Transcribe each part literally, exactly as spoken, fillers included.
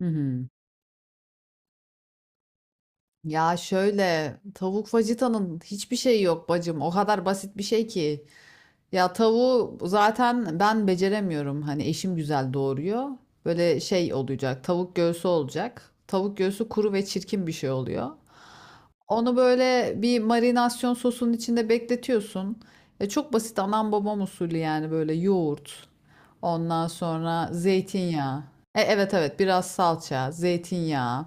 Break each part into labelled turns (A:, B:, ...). A: Hı hı. Ya şöyle, tavuk fajitanın hiçbir şeyi yok bacım. O kadar basit bir şey ki. Ya tavuğu zaten ben beceremiyorum. Hani eşim güzel doğuruyor. Böyle şey olacak. Tavuk göğsü olacak. Tavuk göğsü kuru ve çirkin bir şey oluyor. Onu böyle bir marinasyon sosunun içinde bekletiyorsun. E, çok basit, anam babam usulü, yani böyle yoğurt. Ondan sonra zeytinyağı. E, evet evet biraz salça, zeytinyağı,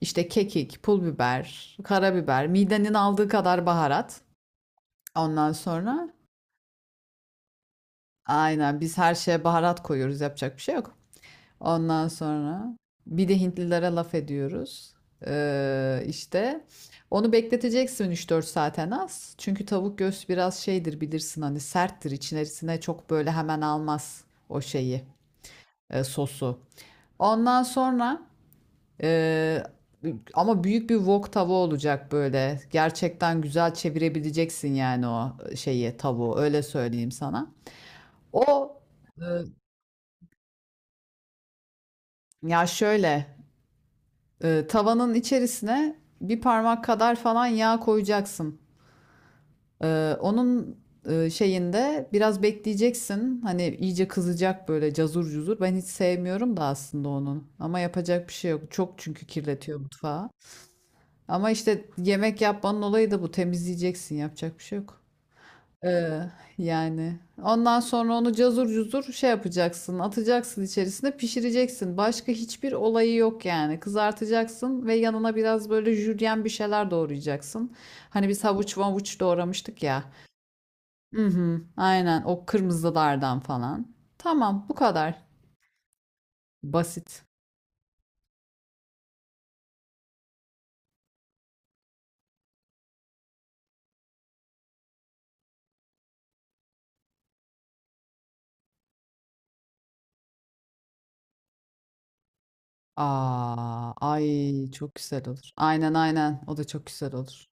A: işte kekik, pul biber, karabiber, midenin aldığı kadar baharat. Ondan sonra aynen, biz her şeye baharat koyuyoruz, yapacak bir şey yok. Ondan sonra bir de Hintlilere laf ediyoruz. Ee, işte onu bekleteceksin üç dört saat en az. Çünkü tavuk göğsü biraz şeydir, bilirsin, hani serttir, içerisine çok böyle hemen almaz o şeyi, e, sosu. Ondan sonra e, ama büyük bir wok tava olacak böyle. Gerçekten güzel çevirebileceksin yani o şeyi, tavuğu, öyle söyleyeyim sana. O e, ya şöyle Ee, tavanın içerisine bir parmak kadar falan yağ koyacaksın. Ee, onun e, şeyinde biraz bekleyeceksin. Hani iyice kızacak böyle, cazur cuzur. Ben hiç sevmiyorum da aslında onun. Ama yapacak bir şey yok. Çok çünkü kirletiyor mutfağı. Ama işte yemek yapmanın olayı da bu. Temizleyeceksin. Yapacak bir şey yok. Ee, Yani ondan sonra onu cazur cuzur şey yapacaksın, atacaksın içerisine, pişireceksin. Başka hiçbir olayı yok yani. Kızartacaksın ve yanına biraz böyle jülyen bir şeyler doğrayacaksın. Hani biz havuç mavuç doğramıştık ya. Hı hı, aynen, o kırmızılardan falan. Tamam, bu kadar. Basit. Aa, ay çok güzel olur. Aynen aynen, o da çok güzel olur.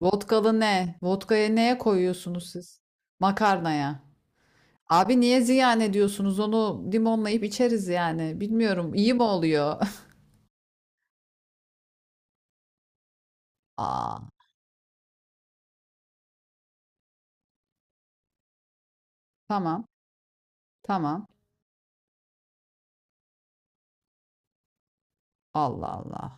A: Vodkalı ne? Vodkaya, neye koyuyorsunuz siz? Makarnaya. Abi niye ziyan ediyorsunuz? Onu limonlayıp içeriz yani. Bilmiyorum, iyi mi oluyor? Aa, tamam. Tamam. Allah Allah.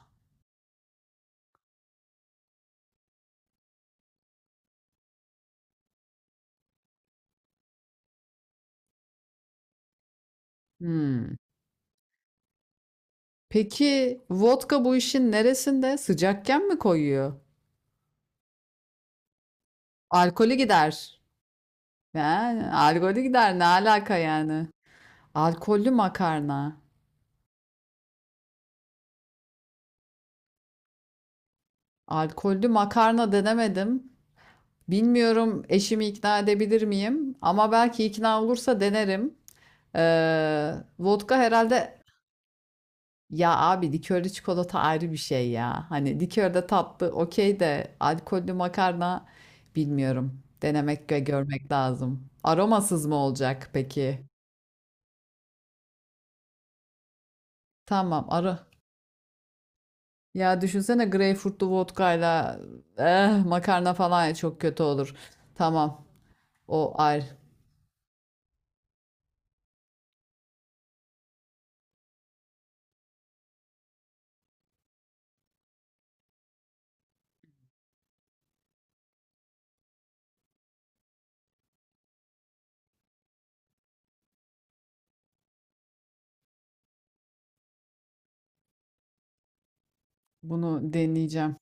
A: Hmm. Peki vodka bu işin neresinde? Sıcakken mi koyuyor? Alkolü gider. Yani, alkolü gider. Ne alaka yani? Alkollü makarna. Alkollü makarna denemedim. Bilmiyorum, eşimi ikna edebilir miyim? Ama belki ikna olursa denerim. Ee, Vodka herhalde. Ya abi likörlü çikolata ayrı bir şey ya. Hani likörde tatlı okey, de alkollü makarna bilmiyorum. Denemek ve görmek lazım. Aromasız mı olacak peki? Tamam arı. Ya düşünsene, greyfurtlu vodkayla eh, makarna falan çok kötü olur. Tamam, o ayrı. Bunu deneyeceğim.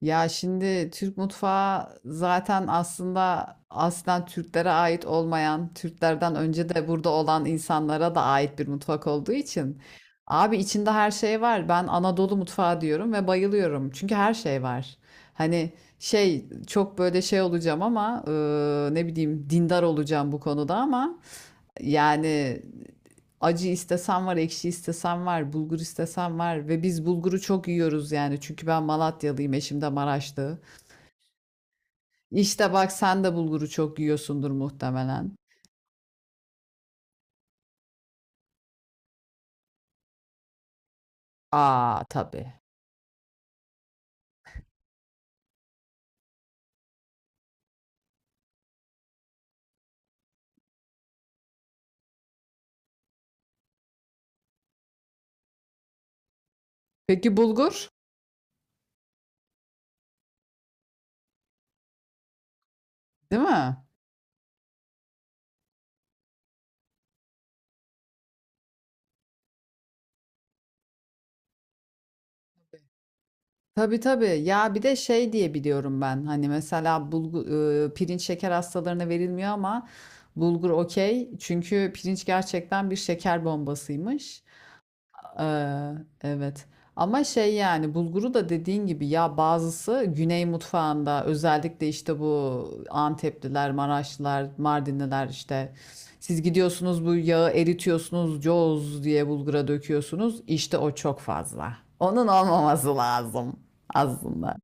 A: Ya şimdi Türk mutfağı zaten aslında aslen Türklere ait olmayan, Türklerden önce de burada olan insanlara da ait bir mutfak olduğu için. Abi içinde her şey var. Ben Anadolu mutfağı diyorum ve bayılıyorum. Çünkü her şey var. Hani şey, çok böyle şey olacağım ama e, ne bileyim, dindar olacağım bu konuda ama yani acı istesem var, ekşi istesem var, bulgur istesem var ve biz bulguru çok yiyoruz yani. Çünkü ben Malatyalıyım, eşim de Maraşlı. İşte bak sen de bulguru çok yiyorsundur muhtemelen. Aa tabii. Peki bulgur, değil mi? Tabii tabii. Ya bir de şey diye biliyorum ben. Hani mesela bulgu, e, pirinç şeker hastalarına verilmiyor ama bulgur okey. Çünkü pirinç gerçekten bir şeker bombasıymış. Ee, evet. Ama şey, yani bulguru da dediğin gibi ya, bazısı Güney mutfağında, özellikle işte bu Antepliler, Maraşlılar, Mardinliler, işte siz gidiyorsunuz bu yağı eritiyorsunuz, coz diye bulgura döküyorsunuz. İşte o çok fazla. Onun olmaması lazım aslında.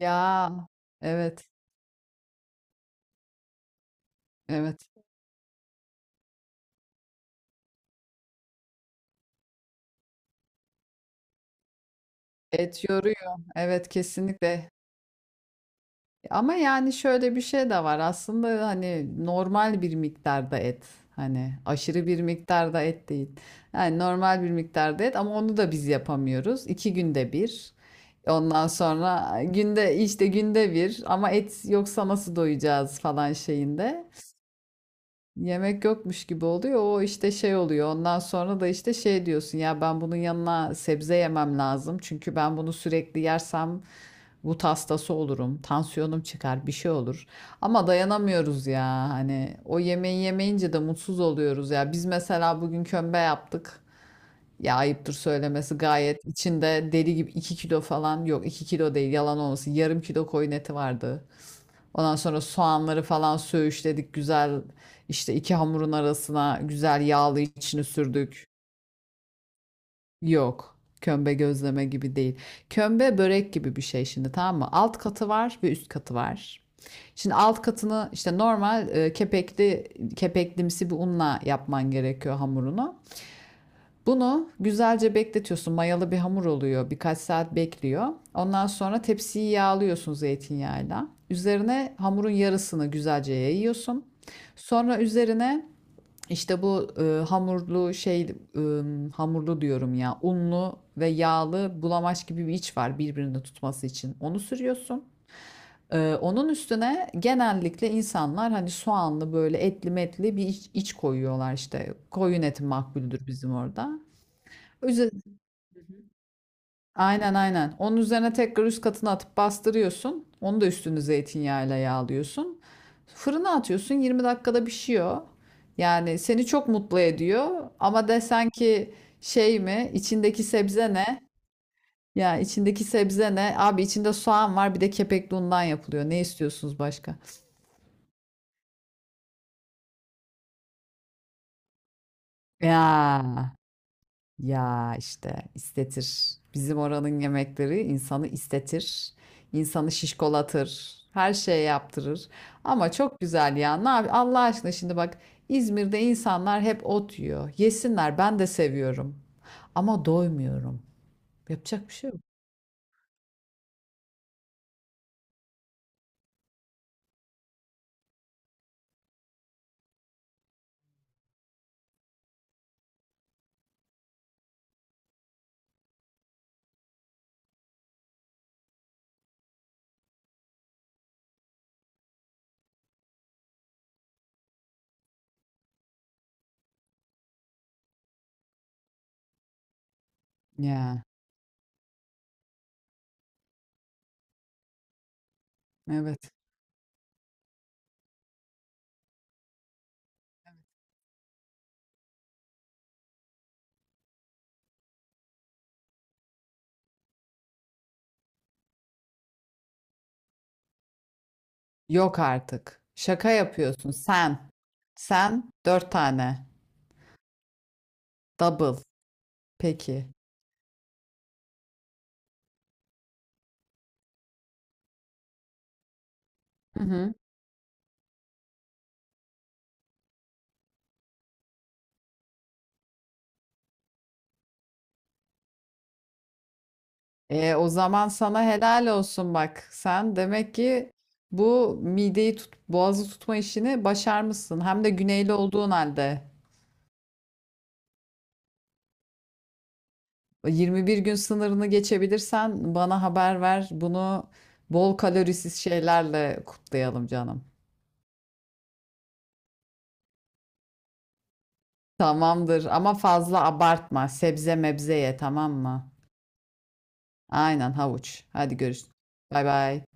A: Ya evet evet. Et yoruyor. Evet, kesinlikle. Ama yani şöyle bir şey de var. Aslında hani normal bir miktarda et. Hani aşırı bir miktarda et değil. Yani normal bir miktarda et ama onu da biz yapamıyoruz. İki günde bir. Ondan sonra günde, işte günde bir, ama et yoksa nasıl doyacağız falan şeyinde. Yemek yokmuş gibi oluyor. O işte şey oluyor. Ondan sonra da işte şey diyorsun ya, ben bunun yanına sebze yemem lazım. Çünkü ben bunu sürekli yersem gut hastası olurum. Tansiyonum çıkar, bir şey olur. Ama dayanamıyoruz ya. Hani o yemeği yemeyince de mutsuz oluyoruz ya. Biz mesela bugün kömbe yaptık. Ya ayıptır söylemesi, gayet içinde deli gibi iki kilo, falan yok iki kilo değil, yalan olmasın, yarım kilo koyun eti vardı. Ondan sonra soğanları falan söğüşledik güzel, işte iki hamurun arasına güzel yağlı içini sürdük. Yok. Kömbe gözleme gibi değil. Kömbe börek gibi bir şey şimdi, tamam mı? Alt katı var ve üst katı var. Şimdi alt katını işte normal, e, kepekli kepeklimsi bir unla yapman gerekiyor hamurunu. Bunu güzelce bekletiyorsun. Mayalı bir hamur oluyor. Birkaç saat bekliyor. Ondan sonra tepsiyi yağlıyorsun zeytinyağıyla. Üzerine hamurun yarısını güzelce yayıyorsun. Sonra üzerine işte bu e, hamurlu şey, e, hamurlu diyorum ya, unlu ve yağlı bulamaç gibi bir iç var birbirini tutması için. Onu sürüyorsun. E, onun üstüne genellikle insanlar hani soğanlı böyle etli metli bir iç, iç koyuyorlar işte. Koyun eti makbuldür bizim orada. Üze- Aynen aynen. Onun üzerine tekrar üst katına atıp bastırıyorsun. Onu da üstünü zeytinyağıyla yağlıyorsun. Fırına atıyorsun. yirmi dakikada pişiyor. Yani seni çok mutlu ediyor. Ama desen ki şey mi? İçindeki sebze ne? Ya içindeki sebze ne? Abi içinde soğan var, bir de kepekli undan yapılıyor. Ne istiyorsunuz başka? Ya. Ya işte istetir. Bizim oranın yemekleri insanı istetir. İnsanı şişkolatır. Her şeye yaptırır. Ama çok güzel ya. Ne yap- Allah aşkına, şimdi bak, İzmir'de insanlar hep ot yiyor. Yesinler, ben de seviyorum. Ama doymuyorum. Yapacak bir şey yok. Ya evet. Yok artık. Şaka yapıyorsun sen. Sen dört tane. Double. Peki. Hı hı. E, o zaman sana helal olsun bak. Sen demek ki bu mideyi tut, boğazı tutma işini başarmışsın. Hem de güneyli olduğun halde. yirmi bir gün sınırını geçebilirsen bana haber ver. Bunu bol kalorisiz şeylerle kutlayalım canım. Tamamdır ama fazla abartma. Sebze mebze ye, tamam mı? Aynen, havuç. Hadi görüşürüz. Bay bay.